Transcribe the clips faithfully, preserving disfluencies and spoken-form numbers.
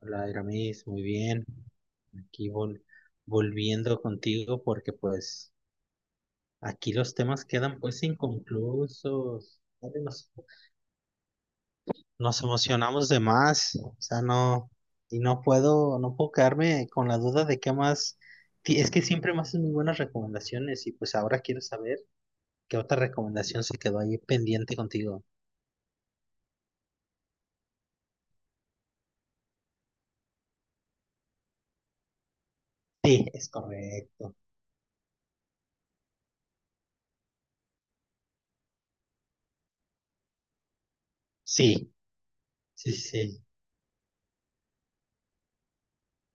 Hola, Iramis, muy bien. Aquí vol- volviendo contigo porque pues aquí los temas quedan pues inconclusos. ¿Sabes? Nos, nos emocionamos de más, o sea, no, y no puedo, no puedo quedarme con la duda de qué más. Ti- Es que siempre me haces muy buenas recomendaciones y pues ahora quiero saber qué otra recomendación se quedó ahí pendiente contigo. Sí, es correcto. Sí, sí, sí.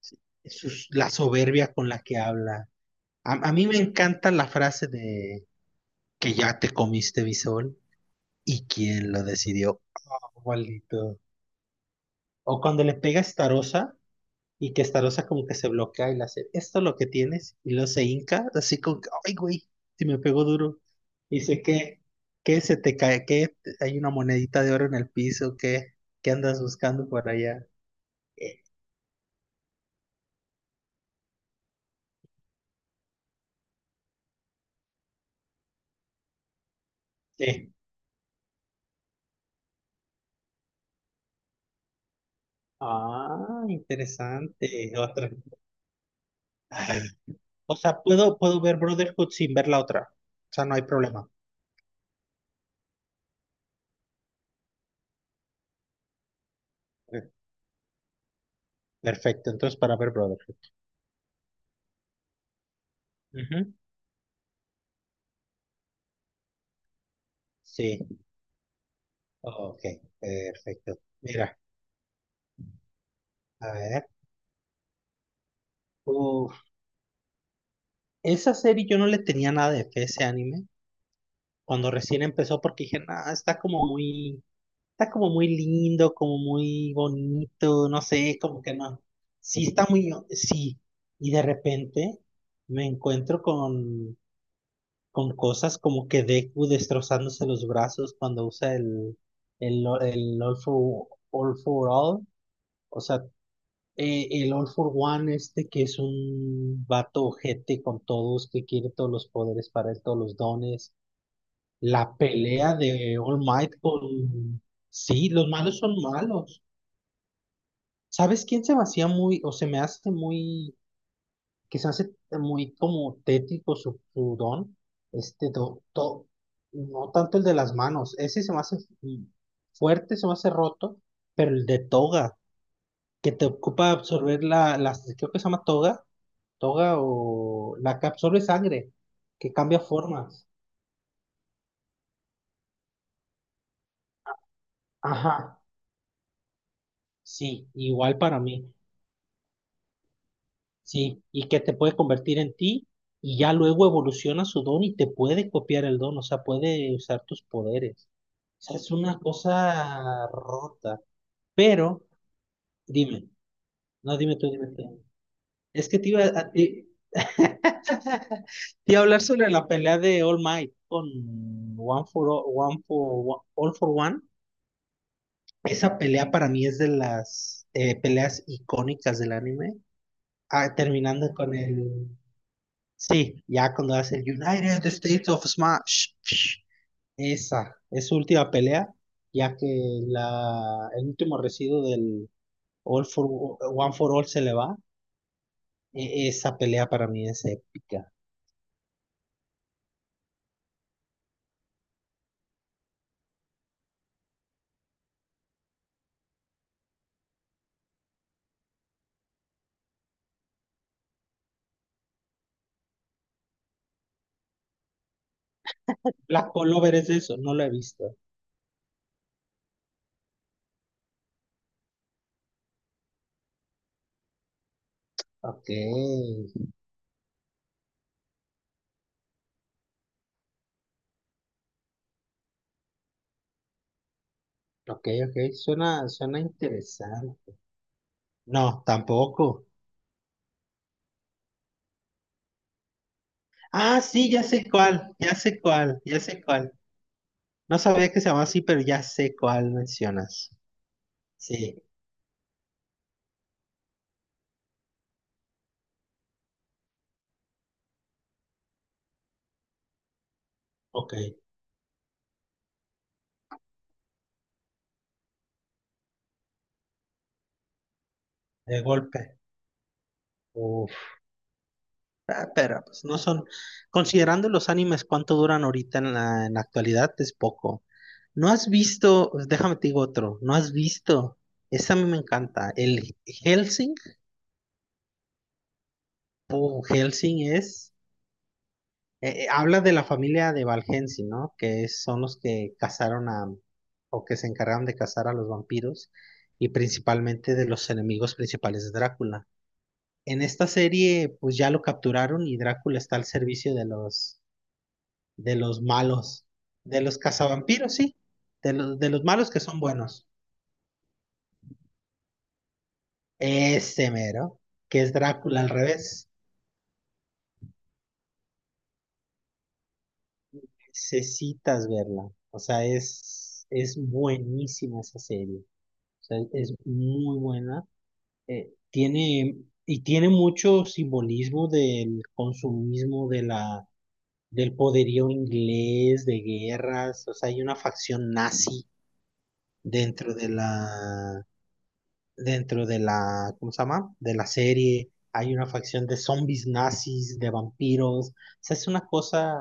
Sí. Eso es la soberbia con la que habla. A, a mí me encanta la frase de que ya te comiste mi sol y quién lo decidió. Oh, maldito. O cuando le pega a Starosa y que Starosa como que se bloquea y le hace, esto es lo que tienes, y luego se hinca, así como que, ay, güey, si me pegó duro. Y dice que, que se te cae, que hay una monedita de oro en el piso, que, que andas buscando por allá. Eh, eh. Ah, interesante. Otra. Ay, o sea, puedo, puedo ver Brotherhood sin ver la otra. O sea, no hay problema. Ok. Perfecto, entonces para ver Brotherhood. Ujú. Sí, ok, perfecto. Mira, a ver. Uf, esa serie yo no le tenía nada de fe a ese anime cuando recién empezó porque dije, nada, está como muy, está como muy lindo, como muy bonito, no sé, como que no. Sí, está muy, sí. Y de repente me encuentro con con cosas como que Deku destrozándose los brazos cuando usa el, el, el All for, All for All. O sea, eh, el All for One este que es un vato ojete con todos, que quiere todos los poderes para él, todos los dones. La pelea de All Might con... Sí, los malos son malos. ¿Sabes quién se me hacía muy, o se me hace muy que se hace muy como tétrico su, su don, este, do- to- no tanto el de las manos, ese se me hace mm, fuerte, se me hace roto, pero el de toga, que te ocupa absorber la, la- creo que se llama toga, toga o la que absorbe sangre, que cambia formas. Ajá, sí, igual para mí, sí, y que te puede convertir en ti. Y ya luego evoluciona su don y te puede copiar el don, o sea, puede usar tus poderes. Sea, es una cosa rota. Pero, dime, no, dime tú, dime tú. Es que te iba a, ti- te iba a hablar sobre la pelea de All Might con One for All, One for, All for One. Esa pelea para mí es de las eh, peleas icónicas del anime. Ah, terminando con el... Sí, ya cuando hace el United States of Smash. Esa es su última pelea, ya que la, el último residuo del, All for One for All se le va. E- Esa pelea para mí es épica. Black Clover es eso, no la he visto. Ok, ok, ok, suena, suena interesante. No, tampoco. Ah, sí, ya sé cuál, ya sé cuál, ya sé cuál. No sabía que se llamaba así, pero ya sé cuál mencionas. Sí, ok, de golpe. Uf, ah, pero pues no son, considerando los animes cuánto duran ahorita en la, en la actualidad, es poco. ¿No has visto, pues, déjame te digo otro, no has visto, ese a mí me encanta, el Helsing, o Helsing es, eh, eh, habla de la familia de Valhensing, ¿no? Que es- son los que cazaron a, o que se encargaron de cazar a los vampiros y principalmente de los enemigos principales de Drácula. En esta serie, pues ya lo capturaron y Drácula está al servicio de los de los malos, de los cazavampiros, sí, de los, de los malos que son buenos. Ese mero, que es Drácula al revés. Necesitas verla. O sea, es, es buenísima esa serie. O sea, es muy buena. Eh, tiene, y tiene mucho simbolismo del consumismo, de la, del poderío inglés, de guerras. O sea, hay una facción nazi dentro de la, dentro de la, ¿cómo se llama? De la serie, hay una facción de zombies nazis, de vampiros. O sea, es una cosa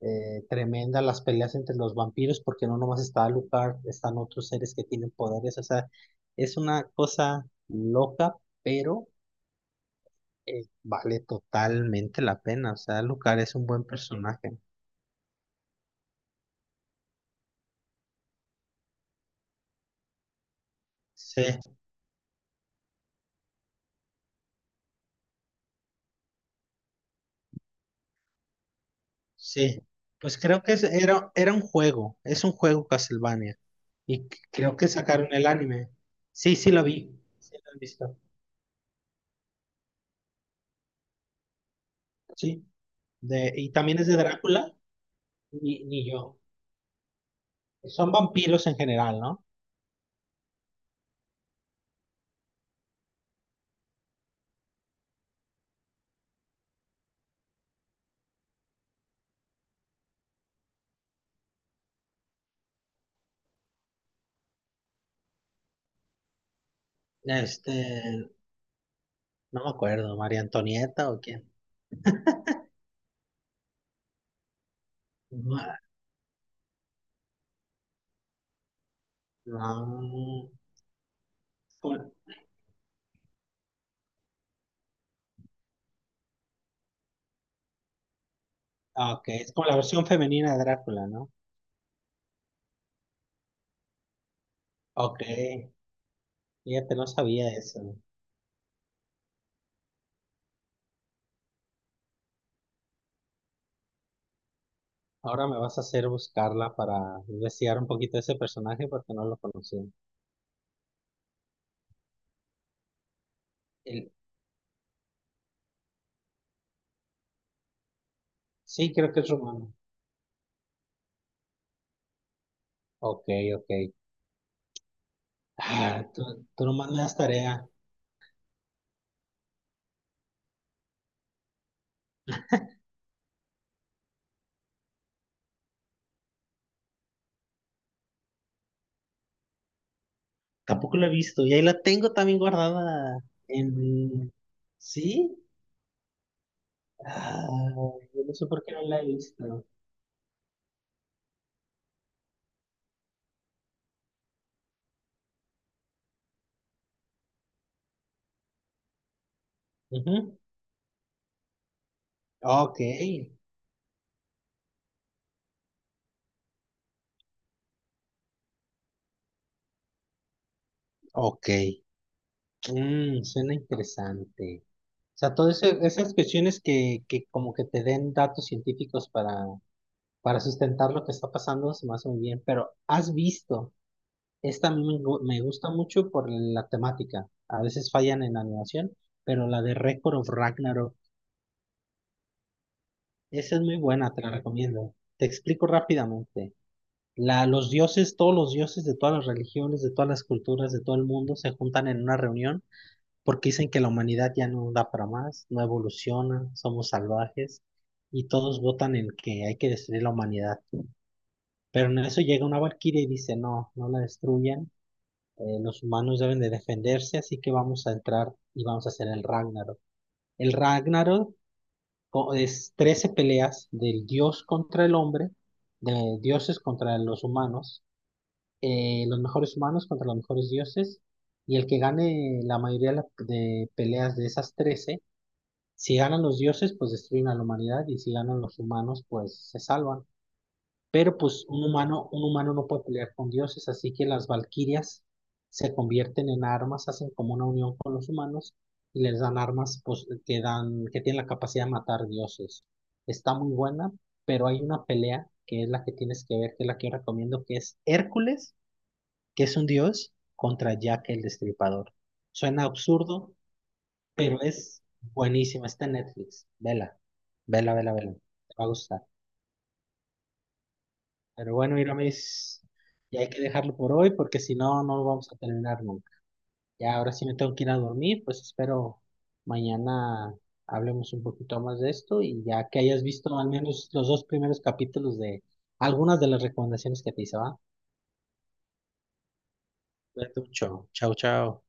eh, tremenda las peleas entre los vampiros, porque no nomás está Alucard, están otros seres que tienen poderes. O sea, es una cosa loca, pero eh, vale totalmente la pena. O sea, Alucard es un buen personaje. Sí. Sí, pues creo que es- era, era un juego, es un juego Castlevania. Y c- creo que sacaron el anime. Sí, sí lo vi, sí lo he visto. Sí, de, y también es de Drácula, ni, ni yo. Son vampiros en general, ¿no? Este, no me acuerdo, María Antonieta o quién. Ma- No, es como- ah, ok, es como la versión femenina de Drácula, ¿no? Ok, fíjate, no sabía eso. Ahora me vas a hacer buscarla para investigar un poquito ese personaje porque no lo conocía. El- Sí, creo que es romano. Ok, ok. Ah, tú, tú nomás me das tarea. Tampoco la he visto. Y ahí la tengo también guardada en... ¿Sí? Ah, yo no sé por qué no la he visto. Ujú. Ok, ok. Mm, suena interesante. O sea, todas esas cuestiones que, que como que te den datos científicos para para sustentar lo que está pasando, se me hace muy bien, pero has visto, esta a mí me, gu- me gusta mucho por la temática, a veces fallan en animación, pero la de Record of Ragnarok, esa es muy buena, te la recomiendo. Te explico rápidamente. La, los dioses, todos los dioses de todas las religiones, de todas las culturas, de todo el mundo se juntan en una reunión porque dicen que la humanidad ya no da para más, no evoluciona, somos salvajes y todos votan en que hay que destruir la humanidad. Pero en eso llega una valquiria y dice, no, no la destruyan, eh, los humanos deben de defenderse, así que vamos a entrar y vamos a hacer el Ragnarok. El Ragnarok co- es trece peleas del dios contra el hombre, de dioses contra los humanos, eh, los mejores humanos contra los mejores dioses, y el que gane la mayoría de la- de peleas de esas trece si ganan los dioses, pues destruyen a la humanidad, y si ganan los humanos, pues se salvan. Pero pues un humano, un humano no puede pelear con dioses, así que las valquirias se convierten en armas, hacen como una unión con los humanos y les dan armas pues, que dan, que tienen la capacidad de matar dioses. Está muy buena, pero hay una pelea que es la que tienes que ver, que es la que yo recomiendo, que es Hércules, que es un dios, contra Jack el Destripador. Suena absurdo, pero es buenísima. Está en Netflix. Vela, vela, vela, vela. Te va a gustar. Pero bueno, Iramis, ya hay que dejarlo por hoy porque si no, no lo vamos a terminar nunca. Ya ahora sí me tengo que ir a dormir, pues espero mañana hablemos un poquito más de esto y ya que hayas visto al menos los dos primeros capítulos de algunas de las recomendaciones que te hice, ¿va? Cuídate mucho. Chao, chao.